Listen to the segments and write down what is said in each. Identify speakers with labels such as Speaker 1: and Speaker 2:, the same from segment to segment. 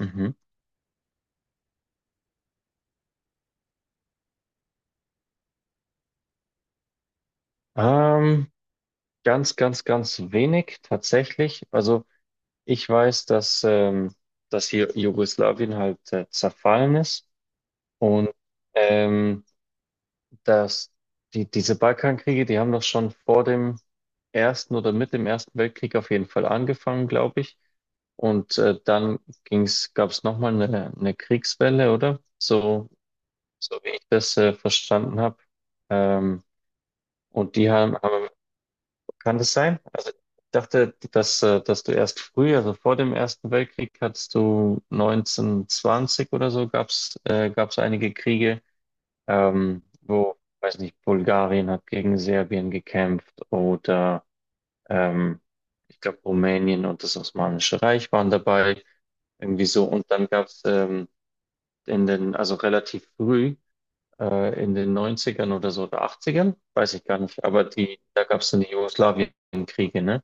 Speaker 1: Mhm. Ähm, ganz wenig tatsächlich. Also ich weiß, dass hier Jugoslawien halt zerfallen ist und ähm, dass diese Balkankriege, die haben doch schon vor dem Ersten oder mit dem Ersten Weltkrieg auf jeden Fall angefangen, glaube ich. Und dann gab es nochmal eine Kriegswelle, oder? So, so wie ich das verstanden habe. Ähm, und die haben Kann das sein? Also ich dachte, dass du erst früh, also vor dem Ersten Weltkrieg, hattest du 1920 oder so, gab's einige Kriege, weiß nicht, Bulgarien hat gegen Serbien gekämpft oder ähm, ich glaube Rumänien und das Osmanische Reich waren dabei, irgendwie so. Und dann gab's also relativ früh, in den neunzigern oder so oder achtzigern weiß ich gar nicht, aber die, da gab's dann die Jugoslawienkriege, ne?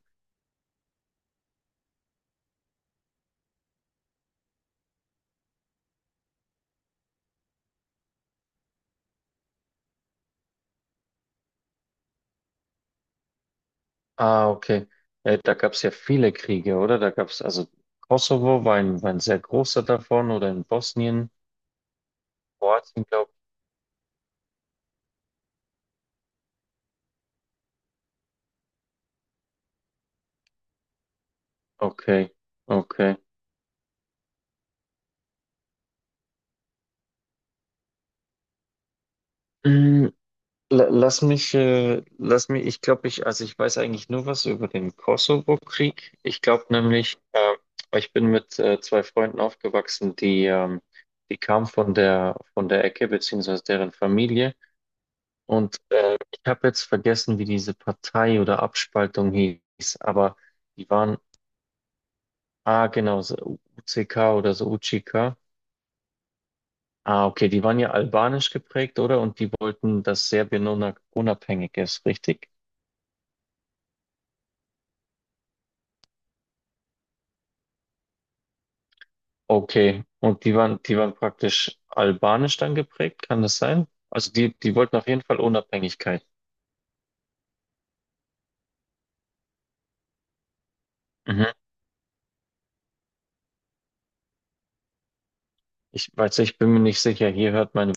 Speaker 1: Ah, okay. Da gab es ja viele Kriege, oder? Da gab es also Kosovo war ein sehr großer davon oder in Bosnien, Kroatien, glaube ich. Okay, okay. Mm, lass mich, also ich weiß eigentlich nur was über den Kosovo-Krieg. Ich glaube nämlich, ich bin mit zwei Freunden aufgewachsen, die kamen von der Ecke, beziehungsweise deren Familie. Und ich habe jetzt vergessen, wie diese Partei oder Abspaltung hieß, aber die waren, ah genau, so UCK oder so UCK. Ah, okay, die waren ja albanisch geprägt, oder? Und die wollten, dass Serbien unabhängig ist, richtig? Okay, und die waren praktisch albanisch dann geprägt, kann das sein? Also die wollten auf jeden Fall Unabhängigkeit. Mhm. Ich weiß, ich bin mir nicht sicher.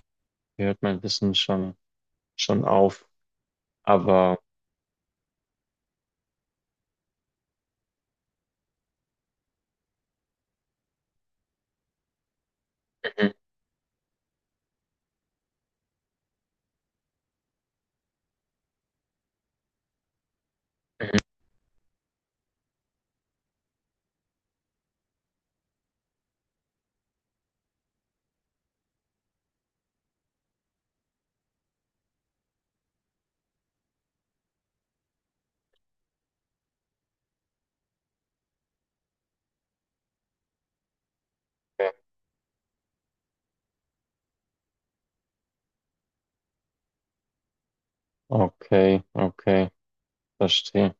Speaker 1: Hier hört mein Wissen schon auf. Aber mhm. Okay, okay. Verstehe.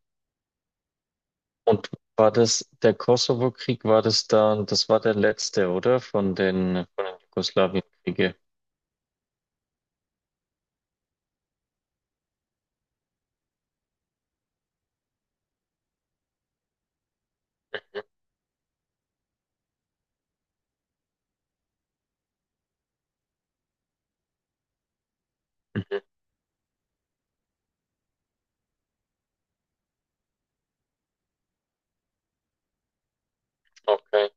Speaker 1: Und war das der Kosovo-Krieg, das war der letzte, oder? Von den Jugoslawienkriege. Mhm. Okay.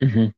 Speaker 1: Mhm.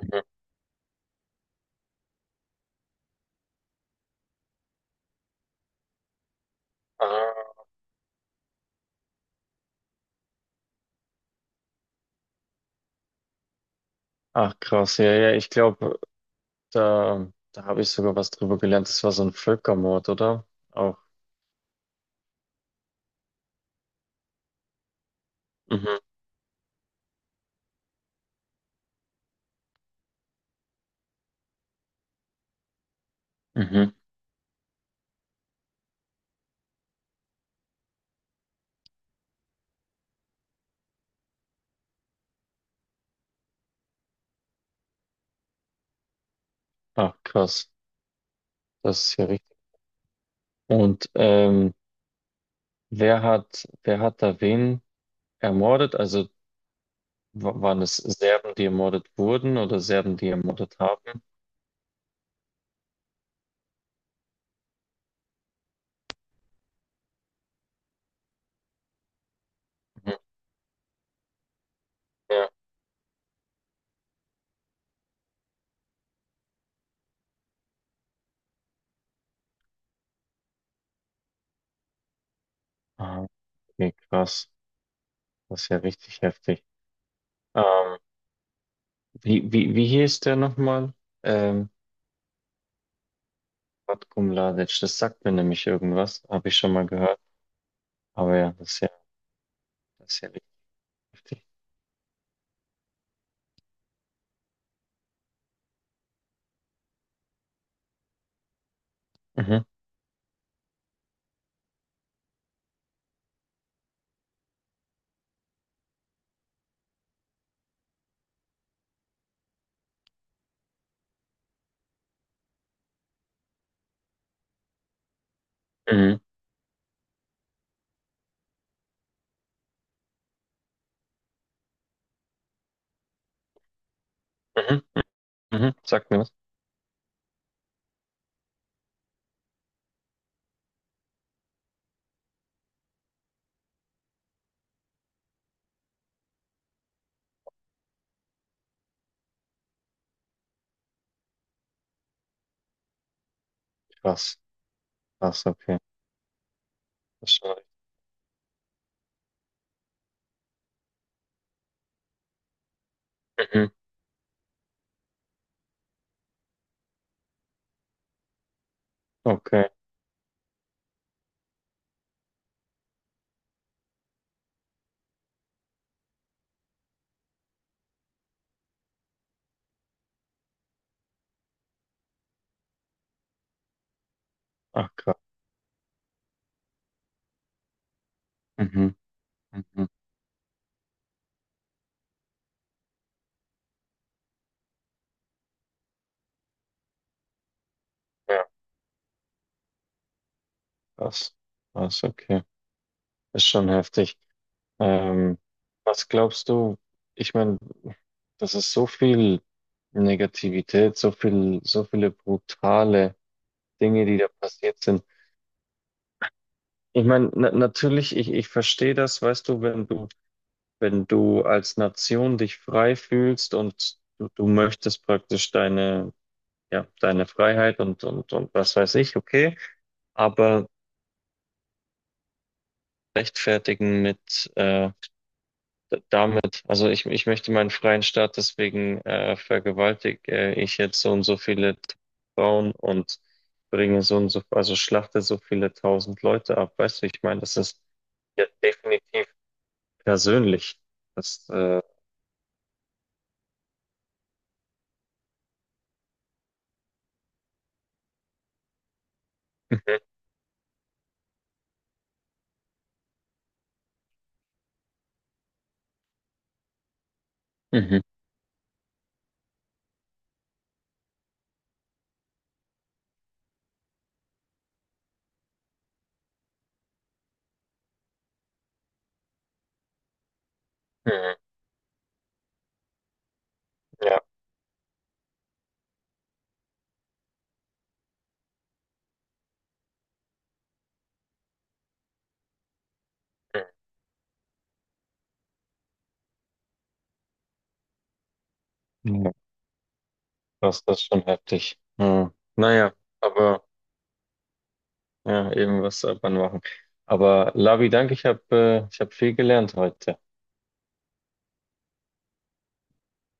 Speaker 1: Mhm. Ah. Ach, krass. Ja, ja, ich glaube, da habe ich sogar was drüber gelernt. Das war so ein Völkermord, oder? Auch. Mhm. Mhm. Ach, krass. Das ist ja richtig. Und wer hat da wen ermordet? Also waren es Serben, die ermordet wurden oder Serben, die ermordet haben? Mhm. Ja. Nee, krass. Das ist ja richtig heftig. Ähm, wie hieß der nochmal? Ähm, Ratko Mladic. Das sagt mir nämlich irgendwas. Habe ich schon mal gehört. Aber ja, das ist ja, das ist ja richtig heftig. Mhm, mhm, mhm, mhm. Sagt mir was? Krass. Krass, okay. Verstehe. Mhm. Okay. Ach, krass. Mhm, mhm. Ja, krass. Krass, okay. Ist schon heftig. Ähm, was glaubst du? Ich meine, das ist so viel Negativität, so viel, so viele brutale Dinge, die da passiert sind. Ich meine, na natürlich, ich verstehe das, weißt du, wenn du, wenn du als Nation dich frei fühlst und du möchtest praktisch deine, ja, deine Freiheit und was weiß ich, okay, aber rechtfertigen mit damit, also ich möchte meinen freien Staat, deswegen vergewaltige ich jetzt so und so viele Frauen und bringe so und so, also schlachte so viele tausend Leute ab. Weißt du, ich meine, das ist ja definitiv persönlich. Das, mhm, mhm, mhm, ja, mhm, ja, das ist schon heftig. Mhm. Naja, aber ja, eben was soll man machen. Aber Lavi, danke, ich habe ich hab viel gelernt heute.